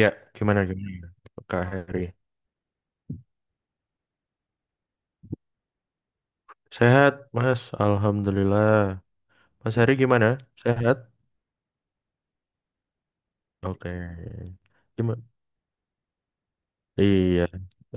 Ya, gimana gimana? Kak Heri. Sehat, Mas. Alhamdulillah. Mas Heri gimana? Sehat? Oke. Gimana? Iya.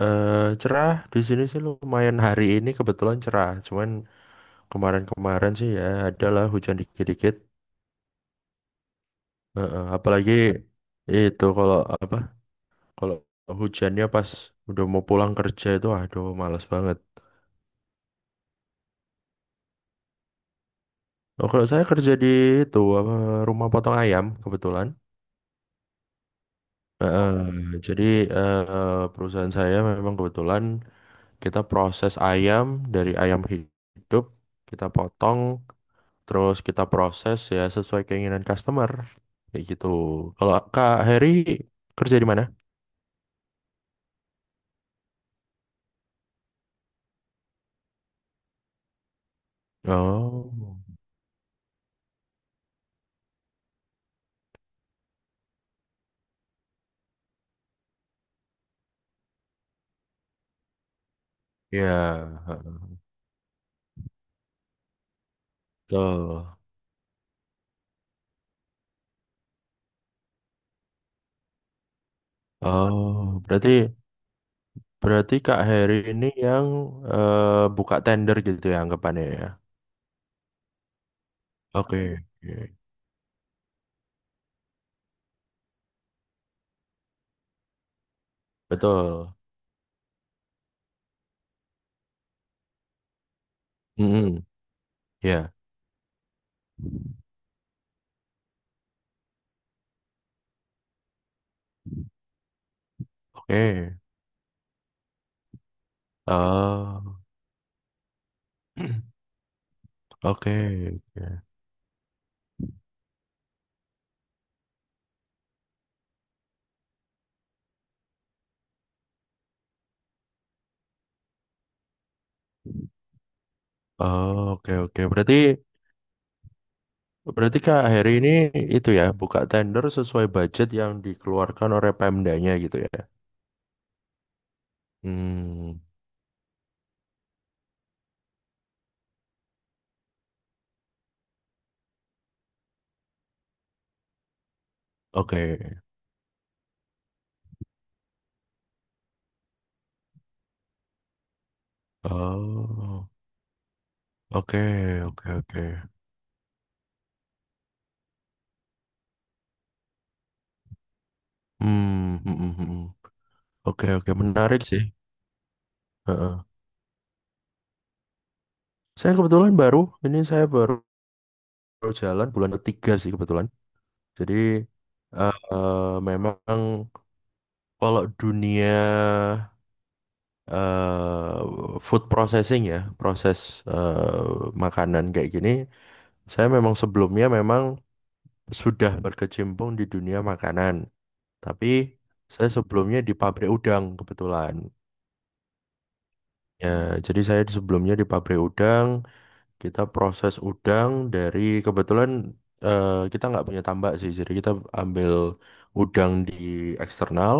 Eh, cerah di sini sih lumayan hari ini kebetulan cerah. Cuman kemarin-kemarin sih ya adalah hujan dikit-dikit. Heeh, apalagi itu kalau apa? Kalau hujannya pas udah mau pulang kerja itu aduh males banget. Oh, kalau saya kerja di itu apa, rumah potong ayam kebetulan. Heeh, jadi perusahaan saya memang kebetulan kita proses ayam dari ayam hidup, kita potong, terus kita proses ya sesuai keinginan customer. Kayak gitu. Kalau Kak Heri kerja di mana? Oh, ya, heeh, betul. Oh, berarti berarti Kak Heri ini yang eh, buka tender gitu ya anggapannya ya. Oke, oke. Betul. Mm-mm, ya, oke. Oh, oke. Oke. Oh, oke oke. Berarti berarti Kak Heri ini itu ya buka tender sesuai budget yang dikeluarkan oleh Pemdanya gitu ya. Hmm, oke. Oh, oke oke oke. Hmm, hmm, hmm, hmm, hmm. Oke oke, menarik sih. Heeh. Saya kebetulan baru ini saya baru baru jalan bulan ketiga sih kebetulan. Jadi eh, memang kalau dunia eh food processing ya, proses makanan kayak gini, saya memang sebelumnya memang sudah berkecimpung di dunia makanan. Tapi saya sebelumnya di pabrik udang kebetulan. Ya, jadi saya sebelumnya di pabrik udang, kita proses udang dari kebetulan kita nggak punya tambak sih, jadi kita ambil udang di eksternal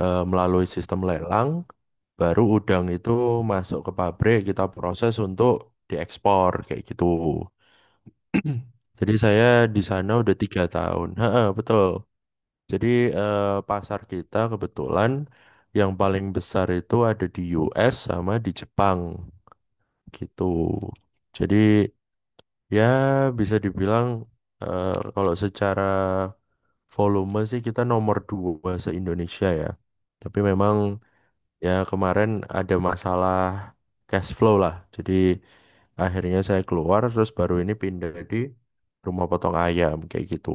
melalui sistem lelang. Baru udang itu masuk ke pabrik, kita proses untuk diekspor kayak gitu. Jadi saya di sana udah 3 tahun. Ha, betul. Jadi eh, pasar kita kebetulan yang paling besar itu ada di US sama di Jepang gitu. Jadi ya bisa dibilang kalau secara volume sih kita nomor dua se-Indonesia ya. Tapi memang. Ya, kemarin ada masalah cash flow lah. Jadi akhirnya saya keluar terus baru ini pindah di rumah potong ayam kayak gitu.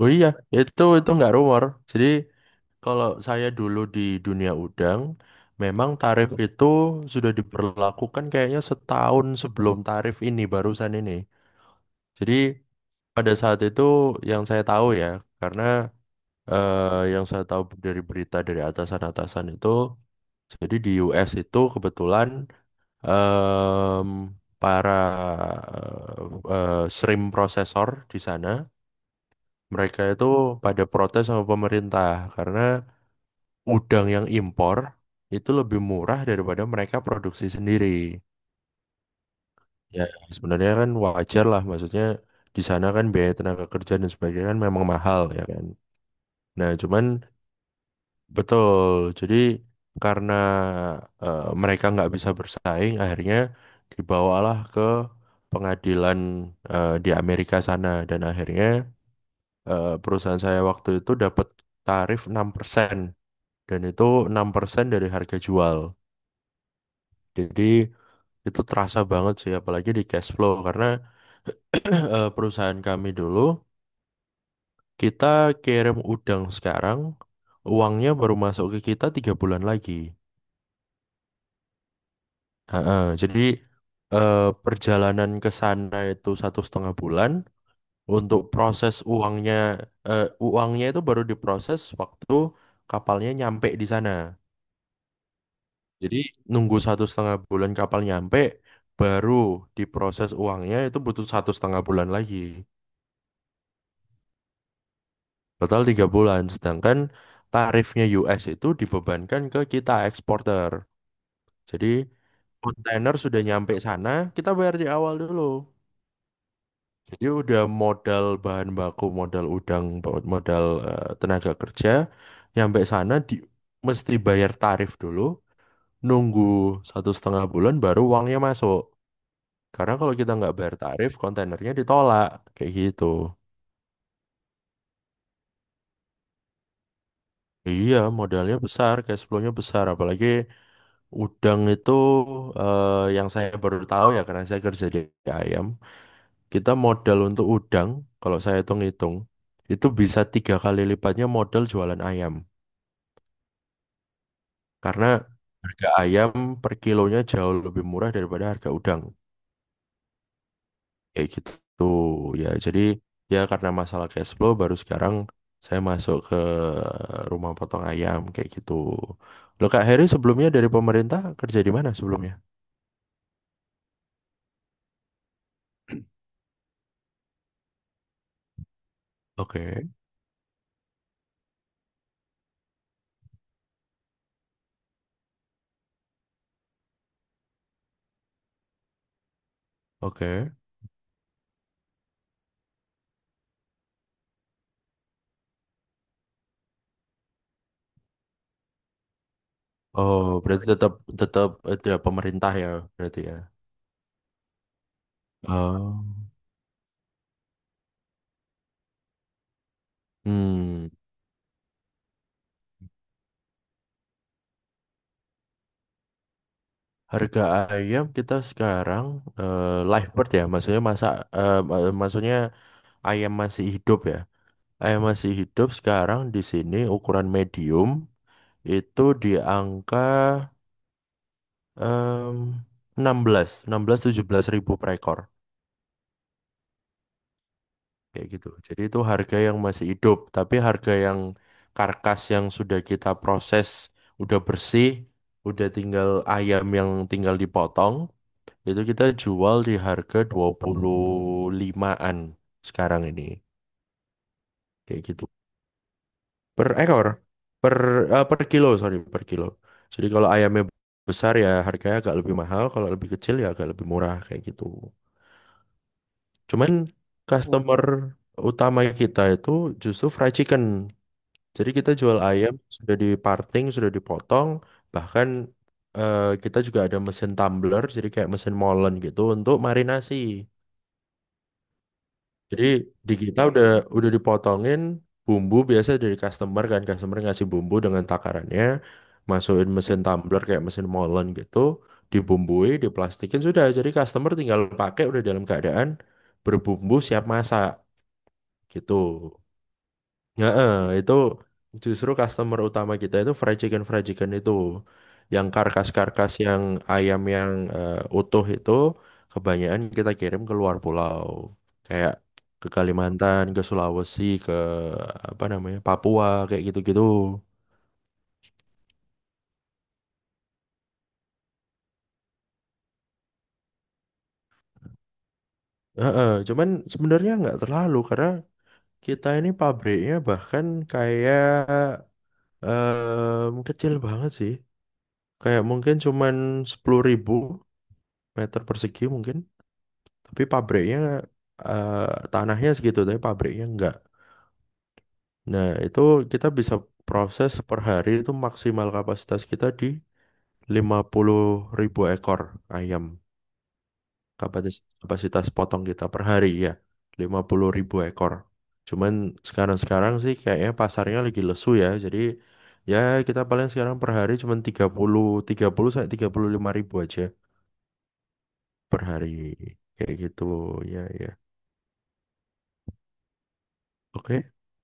Oh iya, itu nggak rumor. Jadi kalau saya dulu di dunia udang, memang tarif itu sudah diberlakukan kayaknya setahun sebelum tarif ini barusan ini. Jadi pada saat itu yang saya tahu ya, karena yang saya tahu dari berita dari atasan-atasan itu. Jadi di US itu kebetulan em, para shrimp prosesor di sana mereka itu pada protes sama pemerintah karena udang yang impor itu lebih murah daripada mereka produksi sendiri. Ya sebenarnya kan wajar lah maksudnya di sana kan biaya tenaga kerja dan sebagainya kan memang mahal ya kan. Nah cuman betul. Jadi karena mereka nggak bisa bersaing, akhirnya dibawalah ke pengadilan di Amerika sana dan akhirnya perusahaan saya waktu itu dapat tarif 6% dan itu 6% dari harga jual. Jadi itu terasa banget sih apalagi di cash flow karena perusahaan kami dulu kita kirim udang sekarang uangnya baru masuk ke kita 3 bulan lagi. Heeh, jadi eh, perjalanan ke sana itu 1,5 bulan. Untuk proses uangnya, uangnya itu baru diproses waktu kapalnya nyampe di sana. Jadi nunggu 1,5 bulan kapal nyampe, baru diproses uangnya itu butuh 1,5 bulan lagi. Total 3 bulan. Sedangkan tarifnya US itu dibebankan ke kita eksporter. Jadi kontainer sudah nyampe sana, kita bayar di awal dulu. Jadi udah modal bahan baku, modal udang, modal tenaga kerja, nyampe sana di mesti bayar tarif dulu, nunggu 1,5 bulan baru uangnya masuk. Karena kalau kita nggak bayar tarif, kontainernya ditolak, kayak gitu. Iya, modalnya besar, cash flow-nya besar, apalagi udang itu yang saya baru tahu ya karena saya kerja di ayam. Kita modal untuk udang, kalau saya hitung-hitung, itu bisa 3 kali lipatnya modal jualan ayam. Karena harga ayam per kilonya jauh lebih murah daripada harga udang kayak gitu ya. Jadi ya karena masalah cash flow baru sekarang saya masuk ke rumah potong ayam kayak gitu. Loh Kak Heri sebelumnya dari pemerintah kerja di mana sebelumnya? Oke, oke. Oh, berarti tetap tetap ada pemerintah ya berarti ya. Oh. Hmm. Harga ayam kita sekarang live bird ya, maksudnya masak maksudnya ayam masih hidup ya. Ayam masih hidup sekarang di sini ukuran medium itu di angka em, 16, 16 17 ribu per ekor kayak gitu. Jadi itu harga yang masih hidup, tapi harga yang karkas yang sudah kita proses udah bersih, udah tinggal ayam yang tinggal dipotong, itu kita jual di harga 25-an sekarang ini. Kayak gitu. Per ekor per per kilo, sorry, per kilo. Jadi kalau ayamnya besar ya harganya agak lebih mahal kalau lebih kecil ya agak lebih murah kayak gitu. Cuman customer, oh, utama kita itu justru fried chicken. Jadi kita jual ayam sudah diparting sudah dipotong bahkan kita juga ada mesin tumbler jadi kayak mesin molen gitu untuk marinasi. Jadi di kita udah dipotongin bumbu biasa dari customer kan customer ngasih bumbu dengan takarannya masukin mesin tumbler kayak mesin molen gitu dibumbui diplastikin sudah jadi customer tinggal pakai udah dalam keadaan berbumbu siap masak gitu. Heeh, itu justru customer utama kita itu fried chicken. Fried chicken itu yang karkas-karkas yang ayam yang utuh itu kebanyakan kita kirim ke luar pulau kayak ke Kalimantan, ke Sulawesi, ke apa namanya Papua kayak gitu-gitu. Heeh, cuman sebenarnya nggak terlalu karena kita ini pabriknya bahkan kayak kecil banget sih. Kayak mungkin cuman 10.000 meter persegi mungkin. Tapi pabriknya tanahnya segitu, tapi pabriknya enggak. Nah, itu kita bisa proses per hari itu maksimal kapasitas kita di 50.000 ekor ayam. Kapasitas potong kita per hari ya, 50.000 ekor. Cuman sekarang-sekarang sih kayaknya pasarnya lagi lesu ya. Jadi ya kita paling sekarang per hari cuman tiga puluh sampai 35.000 aja per hari. Kayak gitu, ya ya. Oke,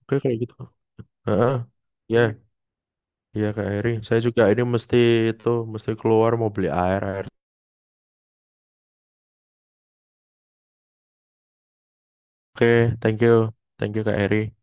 oke kayak gitu. Heeh. Ya, ya Kak Eri. Saya juga ini mesti itu mesti keluar mau beli air air. Oke, thank you. Thank you Kak Eri.